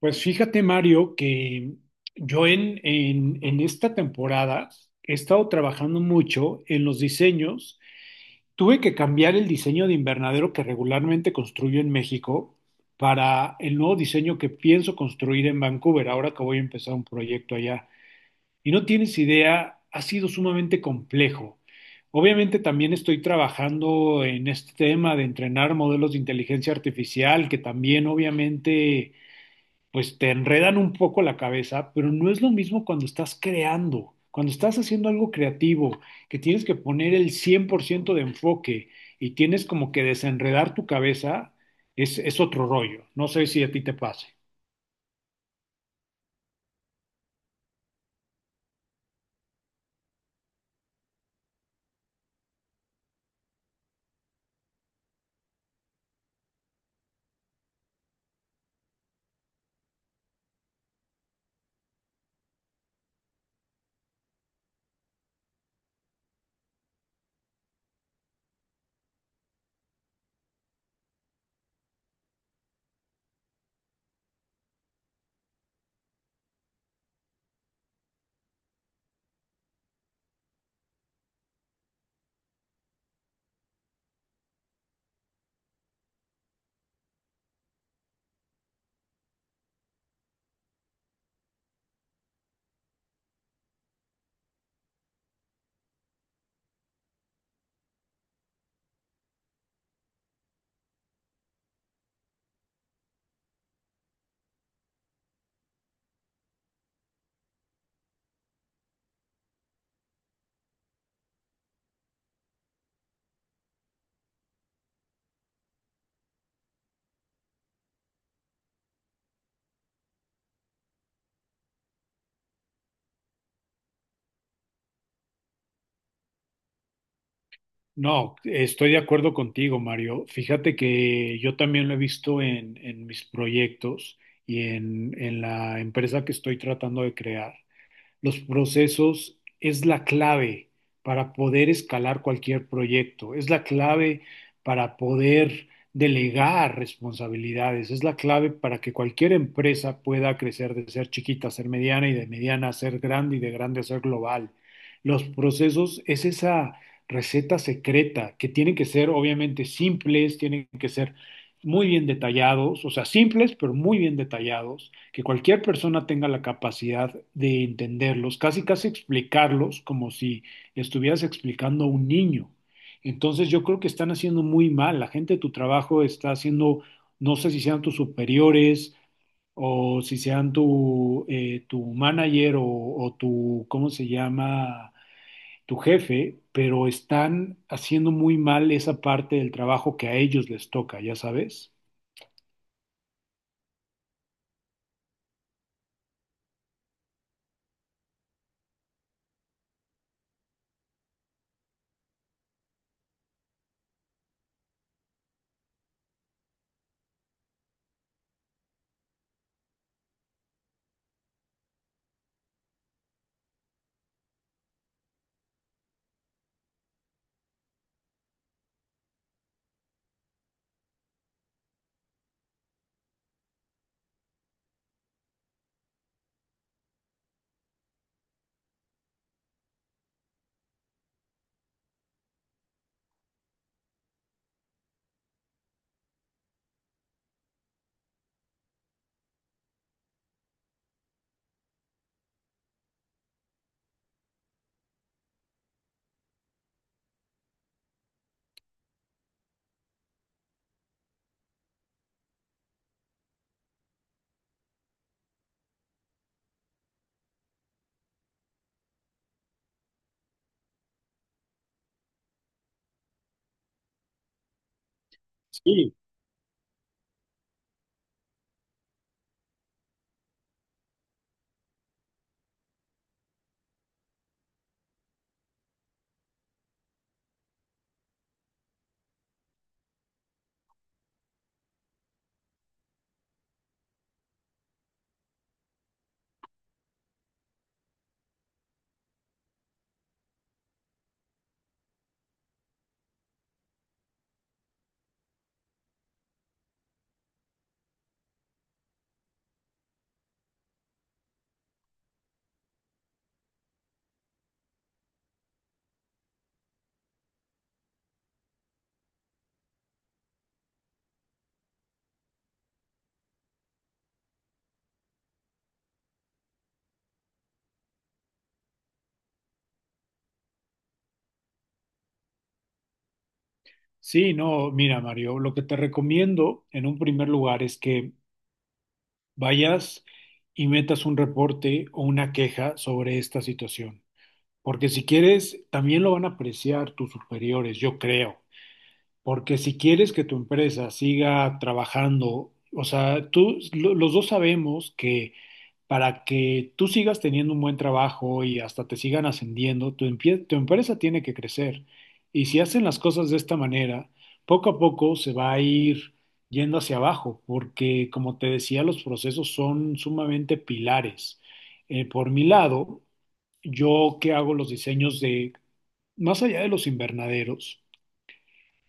Pues fíjate, Mario, que yo en esta temporada he estado trabajando mucho en los diseños. Tuve que cambiar el diseño de invernadero que regularmente construyo en México para el nuevo diseño que pienso construir en Vancouver, ahora que voy a empezar un proyecto allá. Y no tienes idea, ha sido sumamente complejo. Obviamente también estoy trabajando en este tema de entrenar modelos de inteligencia artificial, que también obviamente pues te enredan un poco la cabeza, pero no es lo mismo cuando estás creando, cuando estás haciendo algo creativo, que tienes que poner el 100% de enfoque y tienes como que desenredar tu cabeza, es otro rollo. No sé si a ti te pase. No, estoy de acuerdo contigo, Mario. Fíjate que yo también lo he visto en mis proyectos y en la empresa que estoy tratando de crear. Los procesos es la clave para poder escalar cualquier proyecto, es la clave para poder delegar responsabilidades, es la clave para que cualquier empresa pueda crecer de ser chiquita a ser mediana y de mediana a ser grande y de grande a ser global. Los procesos es esa receta secreta que tienen que ser obviamente simples, tienen que ser muy bien detallados, o sea, simples pero muy bien detallados que cualquier persona tenga la capacidad de entenderlos, casi casi explicarlos como si estuvieras explicando a un niño. Entonces yo creo que están haciendo muy mal, la gente de tu trabajo está haciendo, no sé si sean tus superiores o si sean tu, tu manager o tu, ¿cómo se llama? Tu jefe, pero están haciendo muy mal esa parte del trabajo que a ellos les toca, ya sabes. Sí, sí, no, mira, Mario, lo que te recomiendo en un primer lugar es que vayas y metas un reporte o una queja sobre esta situación, porque si quieres, también lo van a apreciar tus superiores, yo creo, porque si quieres que tu empresa siga trabajando, o sea, tú, los dos sabemos que para que tú sigas teniendo un buen trabajo y hasta te sigan ascendiendo, tu, tu empresa tiene que crecer. Y si hacen las cosas de esta manera, poco a poco se va a ir yendo hacia abajo, porque como te decía, los procesos son sumamente pilares. Por mi lado, yo que hago los diseños de, más allá de los invernaderos,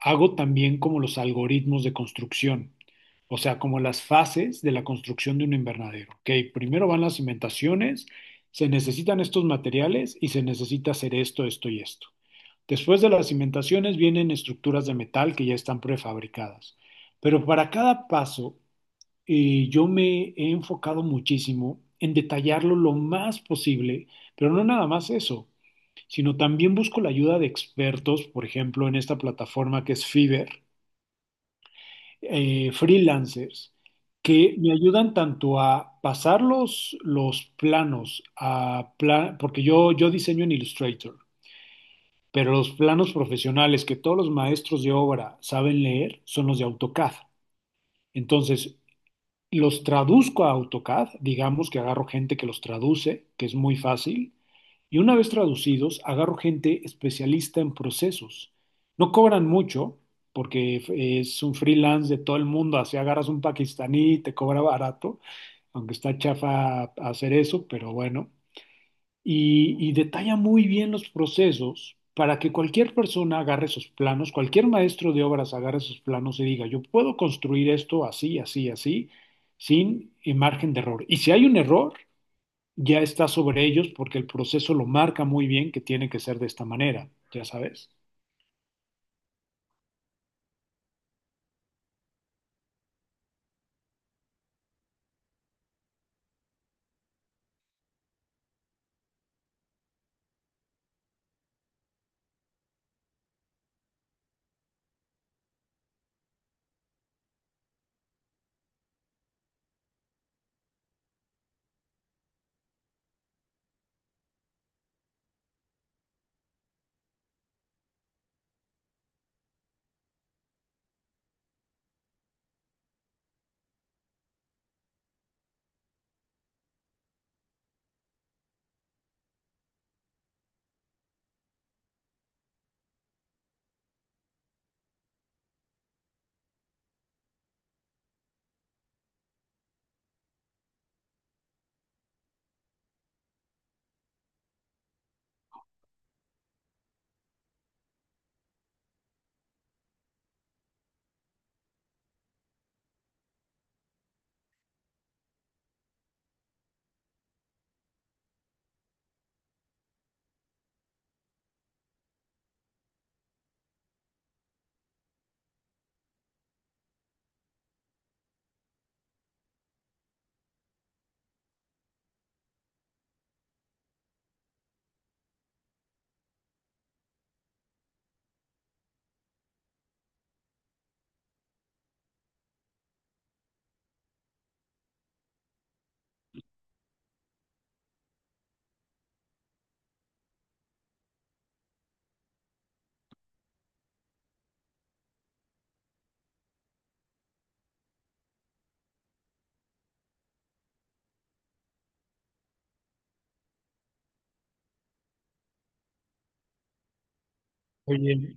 hago también como los algoritmos de construcción, o sea, como las fases de la construcción de un invernadero. Ok, primero van las cimentaciones, se necesitan estos materiales y se necesita hacer esto, esto y esto. Después de las cimentaciones vienen estructuras de metal que ya están prefabricadas. Pero para cada paso, yo me he enfocado muchísimo en detallarlo lo más posible, pero no nada más eso, sino también busco la ayuda de expertos, por ejemplo, en esta plataforma que es Fiverr, freelancers que me ayudan tanto a pasar los planos a porque yo diseño en Illustrator, pero los planos profesionales que todos los maestros de obra saben leer son los de AutoCAD. Entonces, los traduzco a AutoCAD, digamos que agarro gente que los traduce, que es muy fácil, y una vez traducidos, agarro gente especialista en procesos. No cobran mucho, porque es un freelance de todo el mundo. Así agarras un pakistaní, te cobra barato, aunque está chafa hacer eso, pero bueno. Y detalla muy bien los procesos para que cualquier persona agarre esos planos, cualquier maestro de obras agarre esos planos y diga, yo puedo construir esto así, así, así, sin margen de error. Y si hay un error, ya está sobre ellos porque el proceso lo marca muy bien que tiene que ser de esta manera, ya sabes. Oye,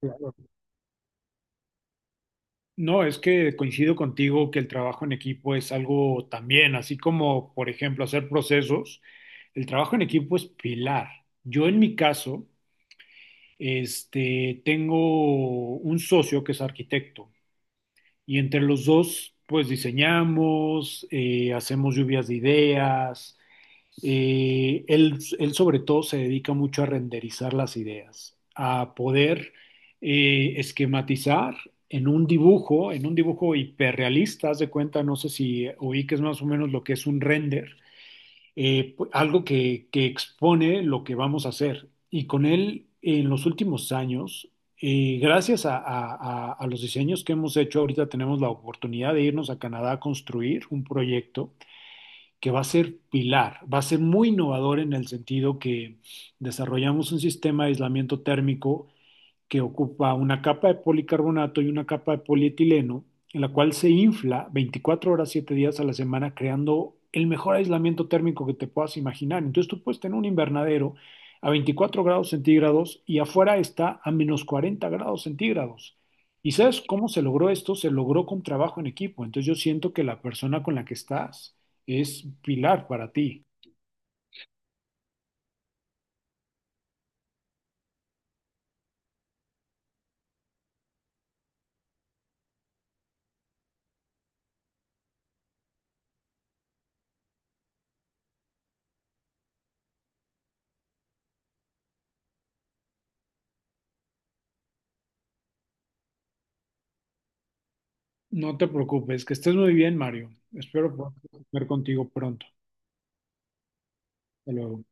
claro. No, es que coincido contigo que el trabajo en equipo es algo también, así como, por ejemplo, hacer procesos, el trabajo en equipo es pilar. Yo en mi caso, este, tengo un socio que es arquitecto y entre los dos, pues diseñamos, hacemos lluvias de ideas. Él sobre todo se dedica mucho a renderizar las ideas, a poder esquematizar en un dibujo hiperrealista, haz de cuenta, no sé si oí que es más o menos lo que es un render, algo que expone lo que vamos a hacer. Y con él, en los últimos años, gracias a los diseños que hemos hecho, ahorita tenemos la oportunidad de irnos a Canadá a construir un proyecto que va a ser pilar, va a ser muy innovador en el sentido que desarrollamos un sistema de aislamiento térmico que ocupa una capa de policarbonato y una capa de polietileno, en la cual se infla 24 horas, 7 días a la semana, creando el mejor aislamiento térmico que te puedas imaginar. Entonces tú puedes tener un invernadero a 24 grados centígrados y afuera está a menos 40 grados centígrados. ¿Y sabes cómo se logró esto? Se logró con trabajo en equipo. Entonces yo siento que la persona con la que estás es pilar para ti. No te preocupes, que estés muy bien, Mario. Espero poder ver contigo pronto. Hasta luego.